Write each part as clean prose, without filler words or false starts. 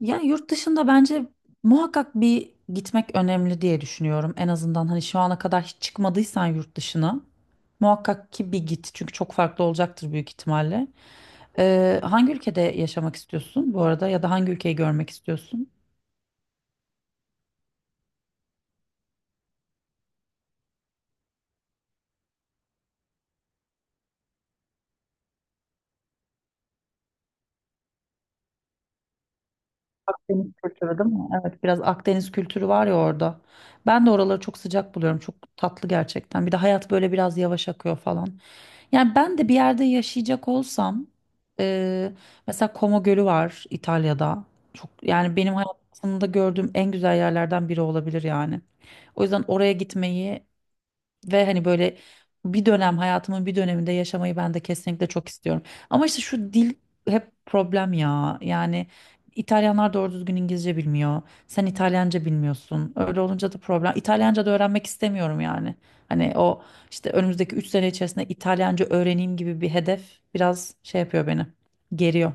Ya yurt dışında bence muhakkak bir gitmek önemli diye düşünüyorum. En azından hani şu ana kadar hiç çıkmadıysan yurt dışına muhakkak ki bir git. Çünkü çok farklı olacaktır büyük ihtimalle. Hangi ülkede yaşamak istiyorsun bu arada ya da hangi ülkeyi görmek istiyorsun? Akdeniz kültürü değil mi? Evet, biraz Akdeniz kültürü var ya orada. Ben de oraları çok sıcak buluyorum. Çok tatlı gerçekten. Bir de hayat böyle biraz yavaş akıyor falan. Yani ben de bir yerde yaşayacak olsam, e, mesela Como Gölü var İtalya'da. Çok yani benim hayatımda gördüğüm en güzel yerlerden biri olabilir yani. O yüzden oraya gitmeyi ve hani böyle bir dönem hayatımın bir döneminde yaşamayı ben de kesinlikle çok istiyorum. Ama işte şu dil hep problem ya. Yani İtalyanlar doğru düzgün İngilizce bilmiyor. Sen İtalyanca bilmiyorsun. Öyle olunca da problem. İtalyanca da öğrenmek istemiyorum yani. Hani o işte önümüzdeki 3 sene içerisinde İtalyanca öğreneyim gibi bir hedef biraz şey yapıyor beni. Geriyor.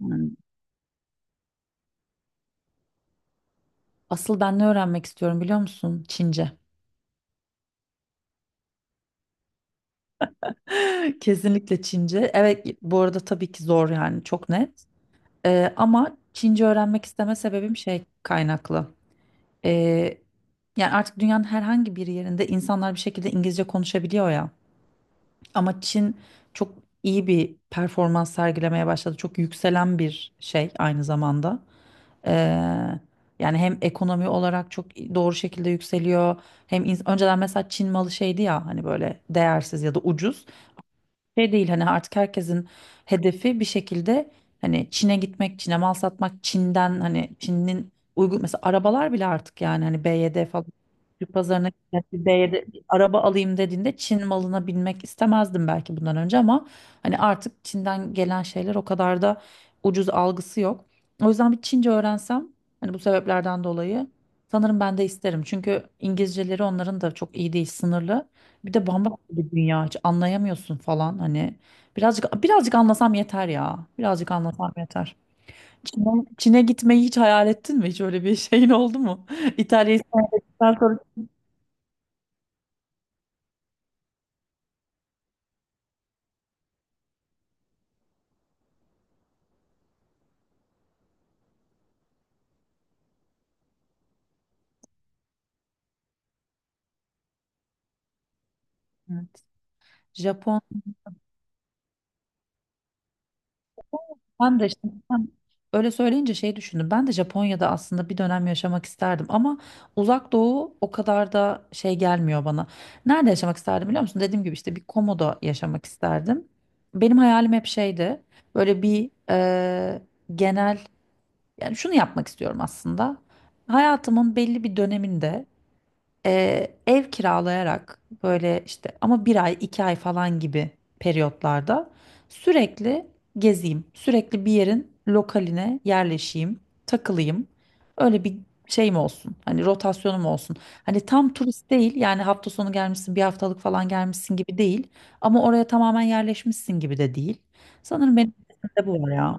Hmm. Asıl ben ne öğrenmek istiyorum biliyor musun? Çince. Kesinlikle Çince. Evet, bu arada tabii ki zor yani çok net. Ama Çince öğrenmek isteme sebebim şey kaynaklı. Ee, Yani artık dünyanın herhangi bir yerinde insanlar bir şekilde İngilizce konuşabiliyor ya. Ama Çin çok iyi bir performans sergilemeye başladı. Çok yükselen bir şey aynı zamanda. Ee, Yani hem ekonomi olarak çok doğru şekilde yükseliyor. Hem önceden mesela Çin malı şeydi ya hani böyle değersiz ya da ucuz. Şey değil hani, artık herkesin hedefi bir şekilde hani Çin'e gitmek, Çin'e mal satmak, Çin'den hani Çin'in uygun mesela arabalar bile artık yani hani BYD falan Türk pazarına gitmek, bir BYD bir araba alayım dediğinde Çin malına binmek istemezdim belki bundan önce, ama hani artık Çin'den gelen şeyler o kadar da ucuz algısı yok. O yüzden bir Çince öğrensem hani bu sebeplerden dolayı sanırım ben de isterim. Çünkü İngilizceleri onların da çok iyi değil, sınırlı. Bir de bambaşka bir dünya, hiç anlayamıyorsun falan hani. Birazcık birazcık anlasam yeter ya. Birazcık anlasam yeter. Çin'e gitmeyi hiç hayal ettin mi? Hiç öyle bir şeyin oldu mu? İtalya'yı senden sonra. Evet. Japon Ben de işte sen öyle söyleyince şey düşündüm. Ben de Japonya'da aslında bir dönem yaşamak isterdim ama Uzak Doğu o kadar da şey gelmiyor bana. Nerede yaşamak isterdim biliyor musun? Dediğim gibi işte bir komoda yaşamak isterdim. Benim hayalim hep şeydi. Böyle bir genel, yani şunu yapmak istiyorum aslında. Hayatımın belli bir döneminde ev kiralayarak, böyle işte ama bir ay iki ay falan gibi periyotlarda sürekli gezeyim. Sürekli bir yerin lokaline yerleşeyim, takılayım. Öyle bir şeyim olsun. Hani rotasyonum olsun. Hani tam turist değil, yani hafta sonu gelmişsin, bir haftalık falan gelmişsin gibi değil. Ama oraya tamamen yerleşmişsin gibi de değil. Sanırım benim de bu var ya.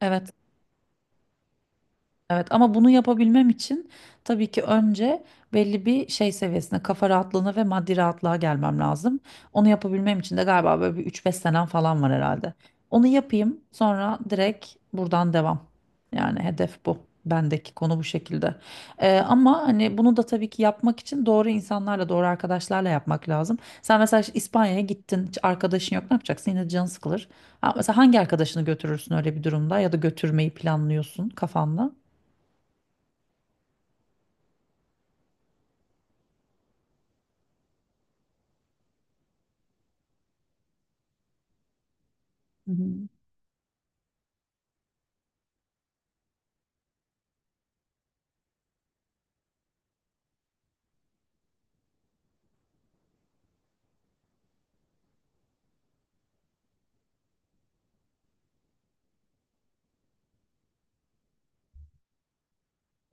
Evet. Evet, ama bunu yapabilmem için tabii ki önce belli bir şey seviyesine, kafa rahatlığına ve maddi rahatlığa gelmem lazım. Onu yapabilmem için de galiba böyle bir üç beş senem falan var herhalde. Onu yapayım, sonra direkt buradan devam. Yani hedef bu. Bendeki konu bu şekilde. Ama hani bunu da tabii ki yapmak için doğru insanlarla, doğru arkadaşlarla yapmak lazım. Sen mesela işte İspanya'ya gittin, hiç arkadaşın yok, ne yapacaksın? Yine canın sıkılır. Ha, mesela hangi arkadaşını götürürsün öyle bir durumda, ya da götürmeyi planlıyorsun kafanda? Hı hı.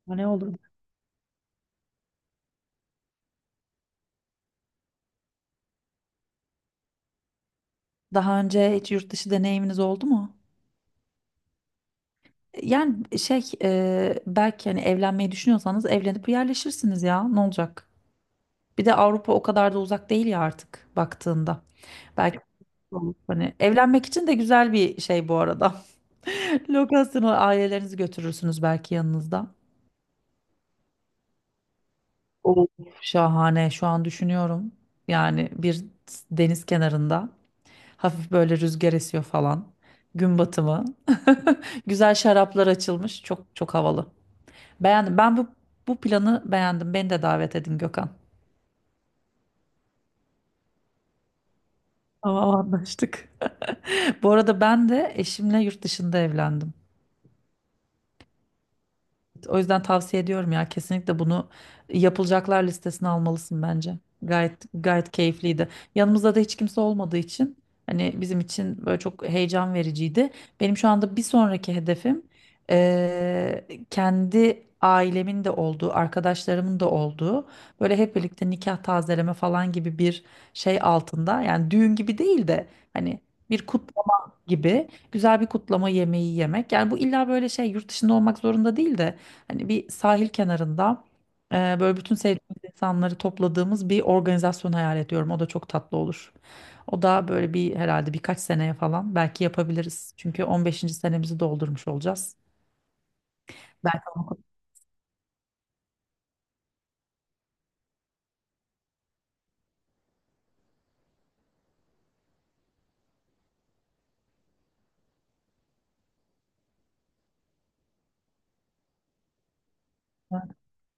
O ne olur? Daha önce hiç yurt dışı deneyiminiz oldu mu? E, yani şey, belki hani evlenmeyi düşünüyorsanız evlenip yerleşirsiniz ya, ne olacak? Bir de Avrupa o kadar da uzak değil ya artık baktığında. Belki olur. Hani evlenmek için de güzel bir şey bu arada. Lokasyonu, ailelerinizi götürürsünüz belki yanınızda. Şahane, şu an düşünüyorum. Yani bir deniz kenarında. Hafif böyle rüzgar esiyor falan. Gün batımı. Güzel şaraplar açılmış. Çok çok havalı. Beğendim. Ben bu planı beğendim. Beni de davet edin, Gökhan. Tamam, anlaştık. Bu arada ben de eşimle yurt dışında evlendim. O yüzden tavsiye ediyorum ya, kesinlikle bunu yapılacaklar listesine almalısın bence. Gayet gayet keyifliydi. Yanımızda da hiç kimse olmadığı için hani bizim için böyle çok heyecan vericiydi. Benim şu anda bir sonraki hedefim kendi ailemin de olduğu, arkadaşlarımın da olduğu, böyle hep birlikte nikah tazeleme falan gibi bir şey altında. Yani düğün gibi değil de hani bir kutlama gibi, güzel bir kutlama yemeği yemek. Yani bu illa böyle şey, yurt dışında olmak zorunda değil de hani bir sahil kenarında böyle bütün sevdiğimiz insanları topladığımız bir organizasyon hayal ediyorum. O da çok tatlı olur. O da böyle bir herhalde birkaç seneye falan belki yapabiliriz. Çünkü 15. senemizi doldurmuş olacağız. Belki onu.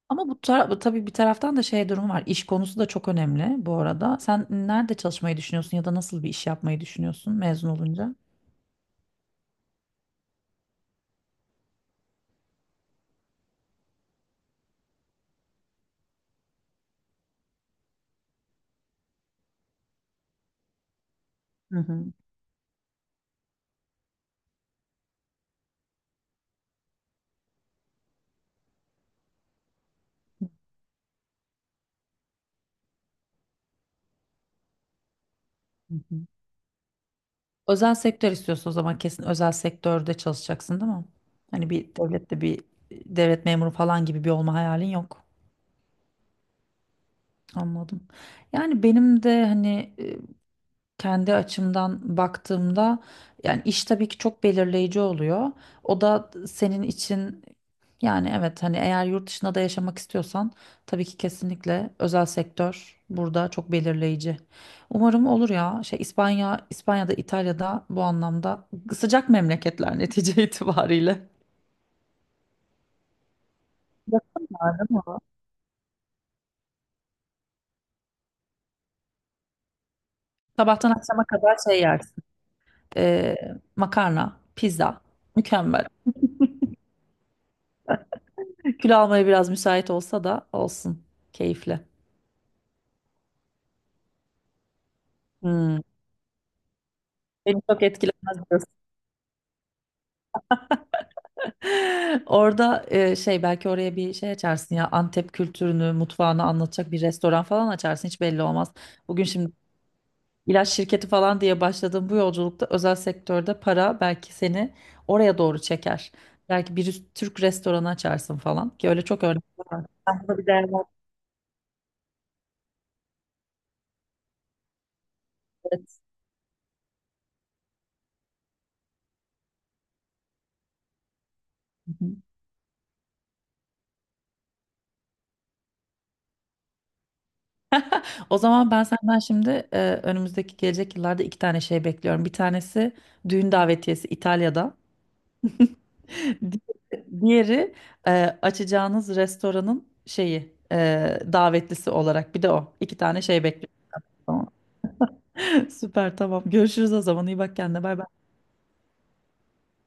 Ama bu, tabii bir taraftan da şey durumu var. İş konusu da çok önemli bu arada. Sen nerede çalışmayı düşünüyorsun, ya da nasıl bir iş yapmayı düşünüyorsun mezun olunca? Hı hı. Hı hı. Özel sektör istiyorsun o zaman, kesin özel sektörde çalışacaksın değil mi? Hani bir devlette, bir devlet memuru falan gibi bir olma hayalin yok. Anladım. Yani benim de hani kendi açımdan baktığımda yani iş tabii ki çok belirleyici oluyor. O da senin için, yani evet hani eğer yurt dışında da yaşamak istiyorsan tabii ki kesinlikle özel sektör burada çok belirleyici. Umarım olur ya. Şey, İspanya'da, İtalya'da bu anlamda sıcak memleketler netice itibariyle. Yakın var değil mi? Sabahtan akşama kadar şey yersin. Ee, Makarna, pizza. Mükemmel. Kül almaya biraz müsait olsa da olsun. Keyifli. Hmm. Beni çok etkilemez diyorsun. Orada şey, belki oraya bir şey açarsın ya, Antep kültürünü, mutfağını anlatacak bir restoran falan açarsın, hiç belli olmaz. Bugün şimdi ilaç şirketi falan diye başladığım bu yolculukta, özel sektörde para belki seni oraya doğru çeker. Belki bir Türk restoranı açarsın falan, ki öyle çok örnek var. Ben buna bir değer verdim. O zaman ben senden şimdi, önümüzdeki gelecek yıllarda iki tane şey bekliyorum. Bir tanesi düğün davetiyesi İtalya'da. Di- Diğeri, açacağınız restoranın şeyi, davetlisi olarak. Bir de o. İki tane şey bekliyorum. Tamam. Süper, tamam. Görüşürüz o zaman. İyi bak kendine. Bay bay.